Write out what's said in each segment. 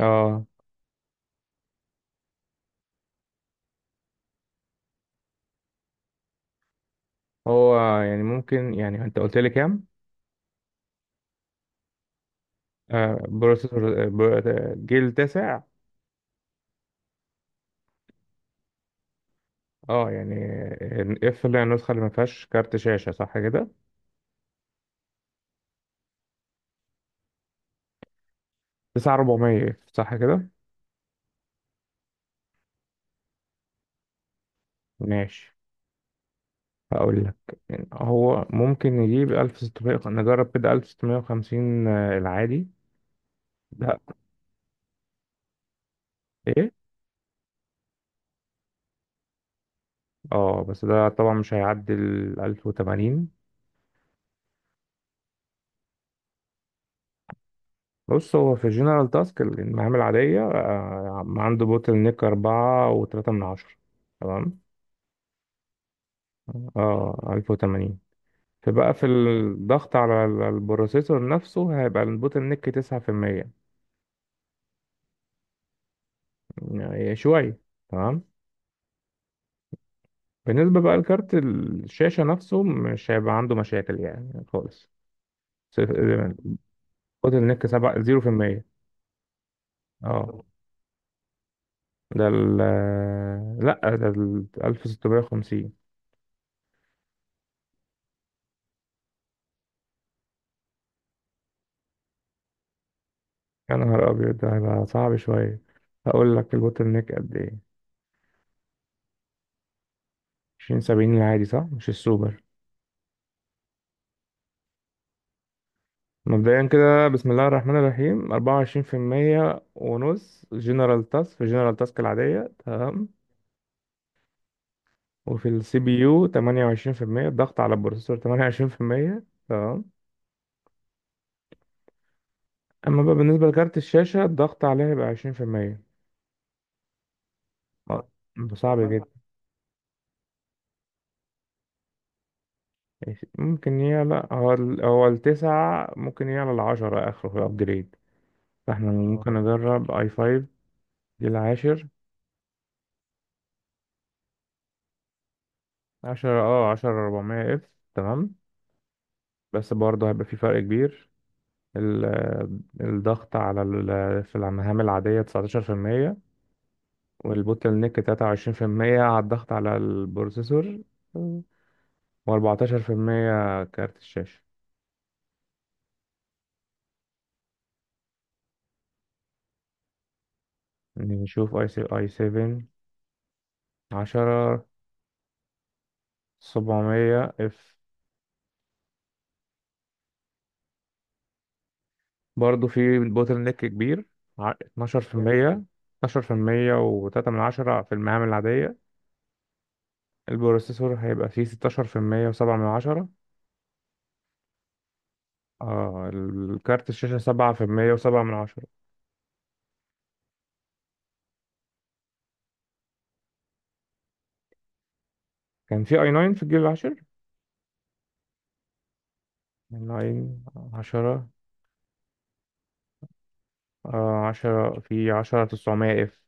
اه هو يعني ممكن يعني انت قلت لي كام؟ بروسيسور، جيل تسع. اه يعني اف، اللي هي النسخه اللي ما فيهاش كارت شاشه، صح كده؟ 9400 اف، صح كده؟ ماشي. هقول لك، يعني هو ممكن نجيب 1600، نجرب كده 1650 العادي ده؟ ايه، اه بس ده طبعا مش هيعدي ال 1080. بص، هو في الجنرال تاسك، المهام العادية، عنده بوتل نيك أربعة وتلاتة من عشرة. تمام. اه 1080. فبقى في الضغط على البروسيسور نفسه هيبقى البوتل نيك 9%. يعني شوية. تمام. بالنسبة بقى لكارت الشاشة نفسه مش هيبقى عنده مشاكل يعني خالص. صفر- البوتل نيك سبعة زيرو في المية. اه ده ال، لأ ده ال 1650. يا نهار أبيض، ده هيبقى صعب شوية. هقول لك البوتل نيك قد ايه. 20 70 العادي، صح؟ مش السوبر. مبدئيا كده، بسم الله الرحمن الرحيم، أربعة وعشرين في المية ونص جنرال تاسك، في جنرال تاسك العادية، تمام. وفي السي بي يو تمانية وعشرين في المية، الضغط على البروسيسور تمانية وعشرين في المية، تمام. أما بقى بالنسبة لكارت الشاشة الضغط عليها يبقى عشرين في المية. آه، ده صعب جدا. ماشي. ممكن يعلى، هو هو التسعة ممكن يعلى العشرة، آخره في الأبجريد. فاحنا ممكن نجرب اي فايف، دي العاشر. عشرة، عشرة أربعمية اف. تمام. بس برضه هيبقى في فرق كبير. ال- الضغط على في المهام العادية 19%، والبوتل نيك 23% على الضغط على البروسيسور، و14% كارت الشاشة. يعني نشوف اي سي اي 7، 10 700 اف، برضه في بوتل نيك كبير. 12%. 12% و3 من عشرة في المهام العادية. البروسيسور هيبقى فيه 16% و7 من عشرة. اه الكارت الشاشة 7% و7 من عشرة. كان في اي 9 في الجيل العاشر. يعني اي 9 10. آه 10 في 10 900 اف.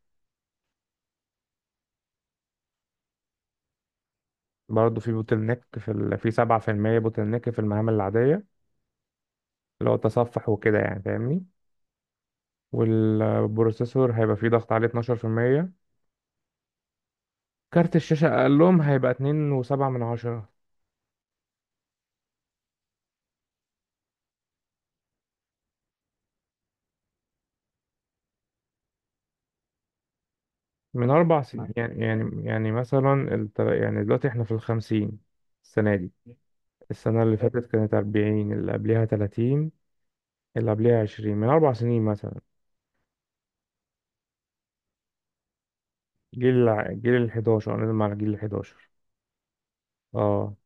برضه في بوتل نيك في في 7% بوتل نيك في المعامل العادية، اللي هو تصفح وكده يعني، فاهمني؟ والبروسيسور هيبقى فيه ضغط عليه 12%. كارت الشاشة أقلهم هيبقى 2.7 من عشرة. من أربع سنين يعني، مثلا يعني دلوقتي احنا في الخمسين، السنة دي. السنة اللي فاتت كانت 40، اللي قبلها 30، اللي قبلها 20، من أربع سنين مثلا. جيل ال 11. انا نازل على جيل ال 11. اه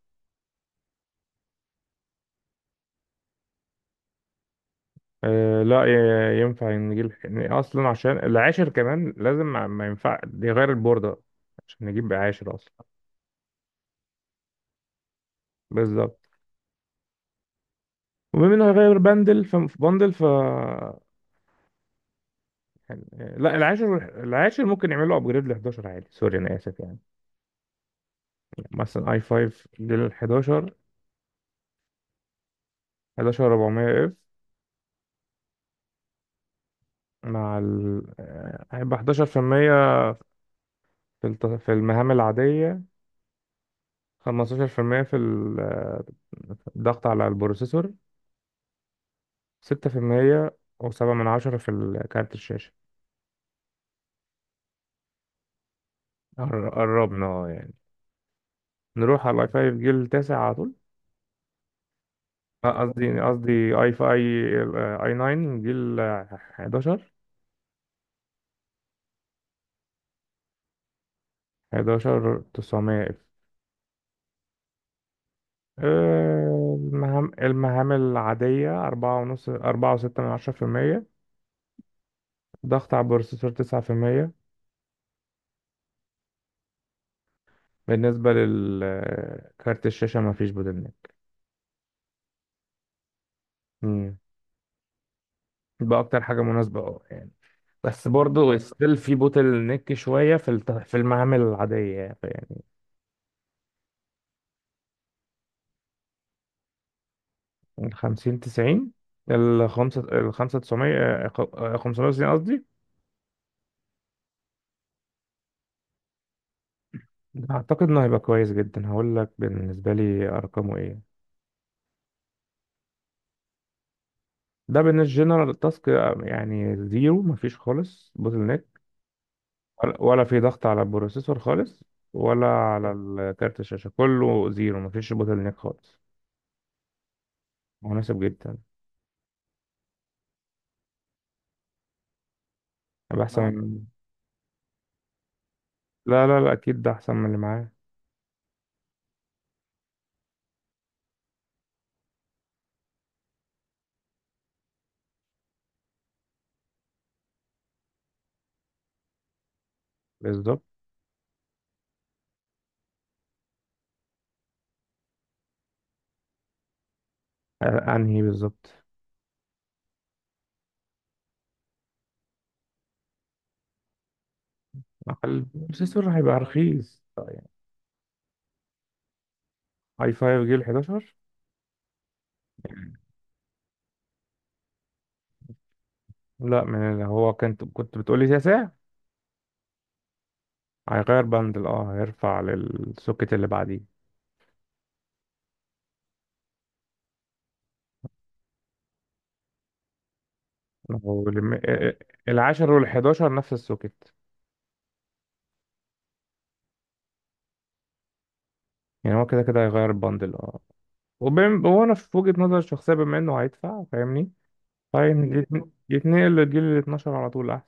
آه، لا ينفع ان جيل، إن اصلا عشان العاشر كمان لازم ما ينفع يغير البوردة عشان نجيب عاشر اصلا. بالظبط. وبما انه هيغير بندل، ف في بندل ف يعني. لا، العاشر، العاشر ممكن يعملوا ابجريد ل 11 عادي. سوري، انا اسف يعني. مثلا اي 5 جيل ال 11، 11 400 اف. مع ال، هيبقى 11% في المية في في المهام العادية، 15% في المية في الضغط على البروسيسور، 6% وسبعة من عشرة في كارت الشاشة. قربنا يعني. نروح على الاي 5 جيل تاسع على طول. قصدي اي 5، اي 9 جيل 11، 11 900 اف. المهام العادية أربعة ونص، أربعة وستة من عشرة في المية. ضغط على البروسيسور تسعة في المية. بالنسبة للكارت الشاشة مفيش بوتلنيك. بقى اكتر حاجه مناسبه يعني. بس برضه ستيل في بوتل نيك شويه في في المعامل العاديه يعني يعني. من 50 90، ال 5، ال 5 900، 590 قصدي. ده اعتقد انه هيبقى كويس جدا. هقول لك بالنسبه لي ارقامه ايه. ده بالنسبه جنرال تاسك يعني زيرو، مفيش خالص بوتل نيك. ولا في ضغط على البروسيسور خالص، ولا على كارت الشاشه، كله زيرو مفيش بوتل نيك خالص. مناسب جدا. هيبقى احسن من. لا لا لا، اكيد ده احسن من اللي معاه. بالظبط. انهي بالظبط. أقل السيسور هيبقى رخيص طيب. اي 5 جيل 11. لا، من اللي هو، كنت بتقولي تسع. هيغير بندل، هيرفع للسوكت اللي بعديه. هو العاشر والحداشر نفس السوكت. يعني هو كده كده هيغير البندل اه وانا في وجهة نظري الشخصية، بما انه هيدفع، فاهمني؟ يتنقل للجيل ال 12 على طول احسن.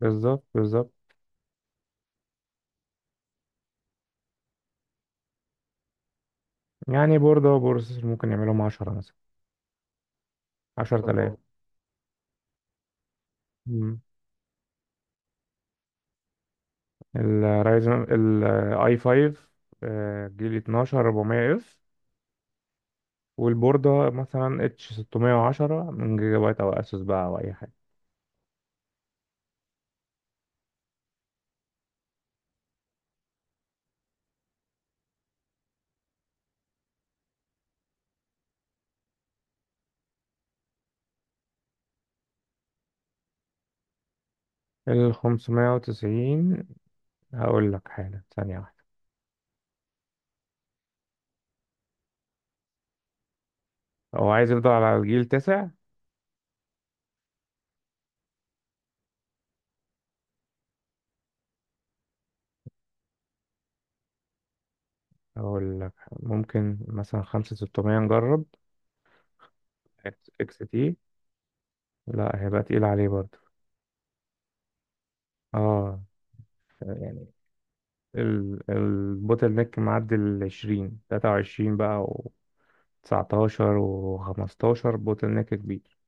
بالظبط بالظبط. يعني بوردة وبروسيسور ممكن يعملهم 10 مثلا، 10,000. الرايزن الاي 5 جيل 12 400 اف، والبوردة مثلا اتش 610 من جيجا بايت، او اسوس بقى، او اي حاجة. ال 590. هقول لك حالا، ثانية واحدة. هو عايز يفضل على الجيل 9. هقول لك، ممكن مثلا 5600 نجرب. اكس اكس تي. لا هيبقى تقيل عليه برضه. اه يعني. ال البوتل نيك معدي ال 20 23 بقى، و 19 و 15 بوتل نيك كبير.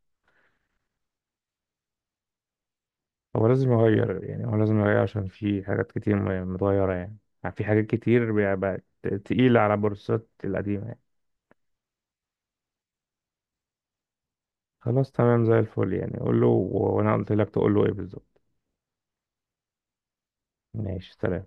هو لازم يغير يعني، هو لازم يغير عشان في حاجات كتير يعني متغيرة يعني. يعني في حاجات كتير بقى بقت تقيلة على بورصات القديمة يعني. خلاص تمام، زي الفل يعني. قول له، وانا قلت لك تقول له ايه بالظبط. ماشي، سلام.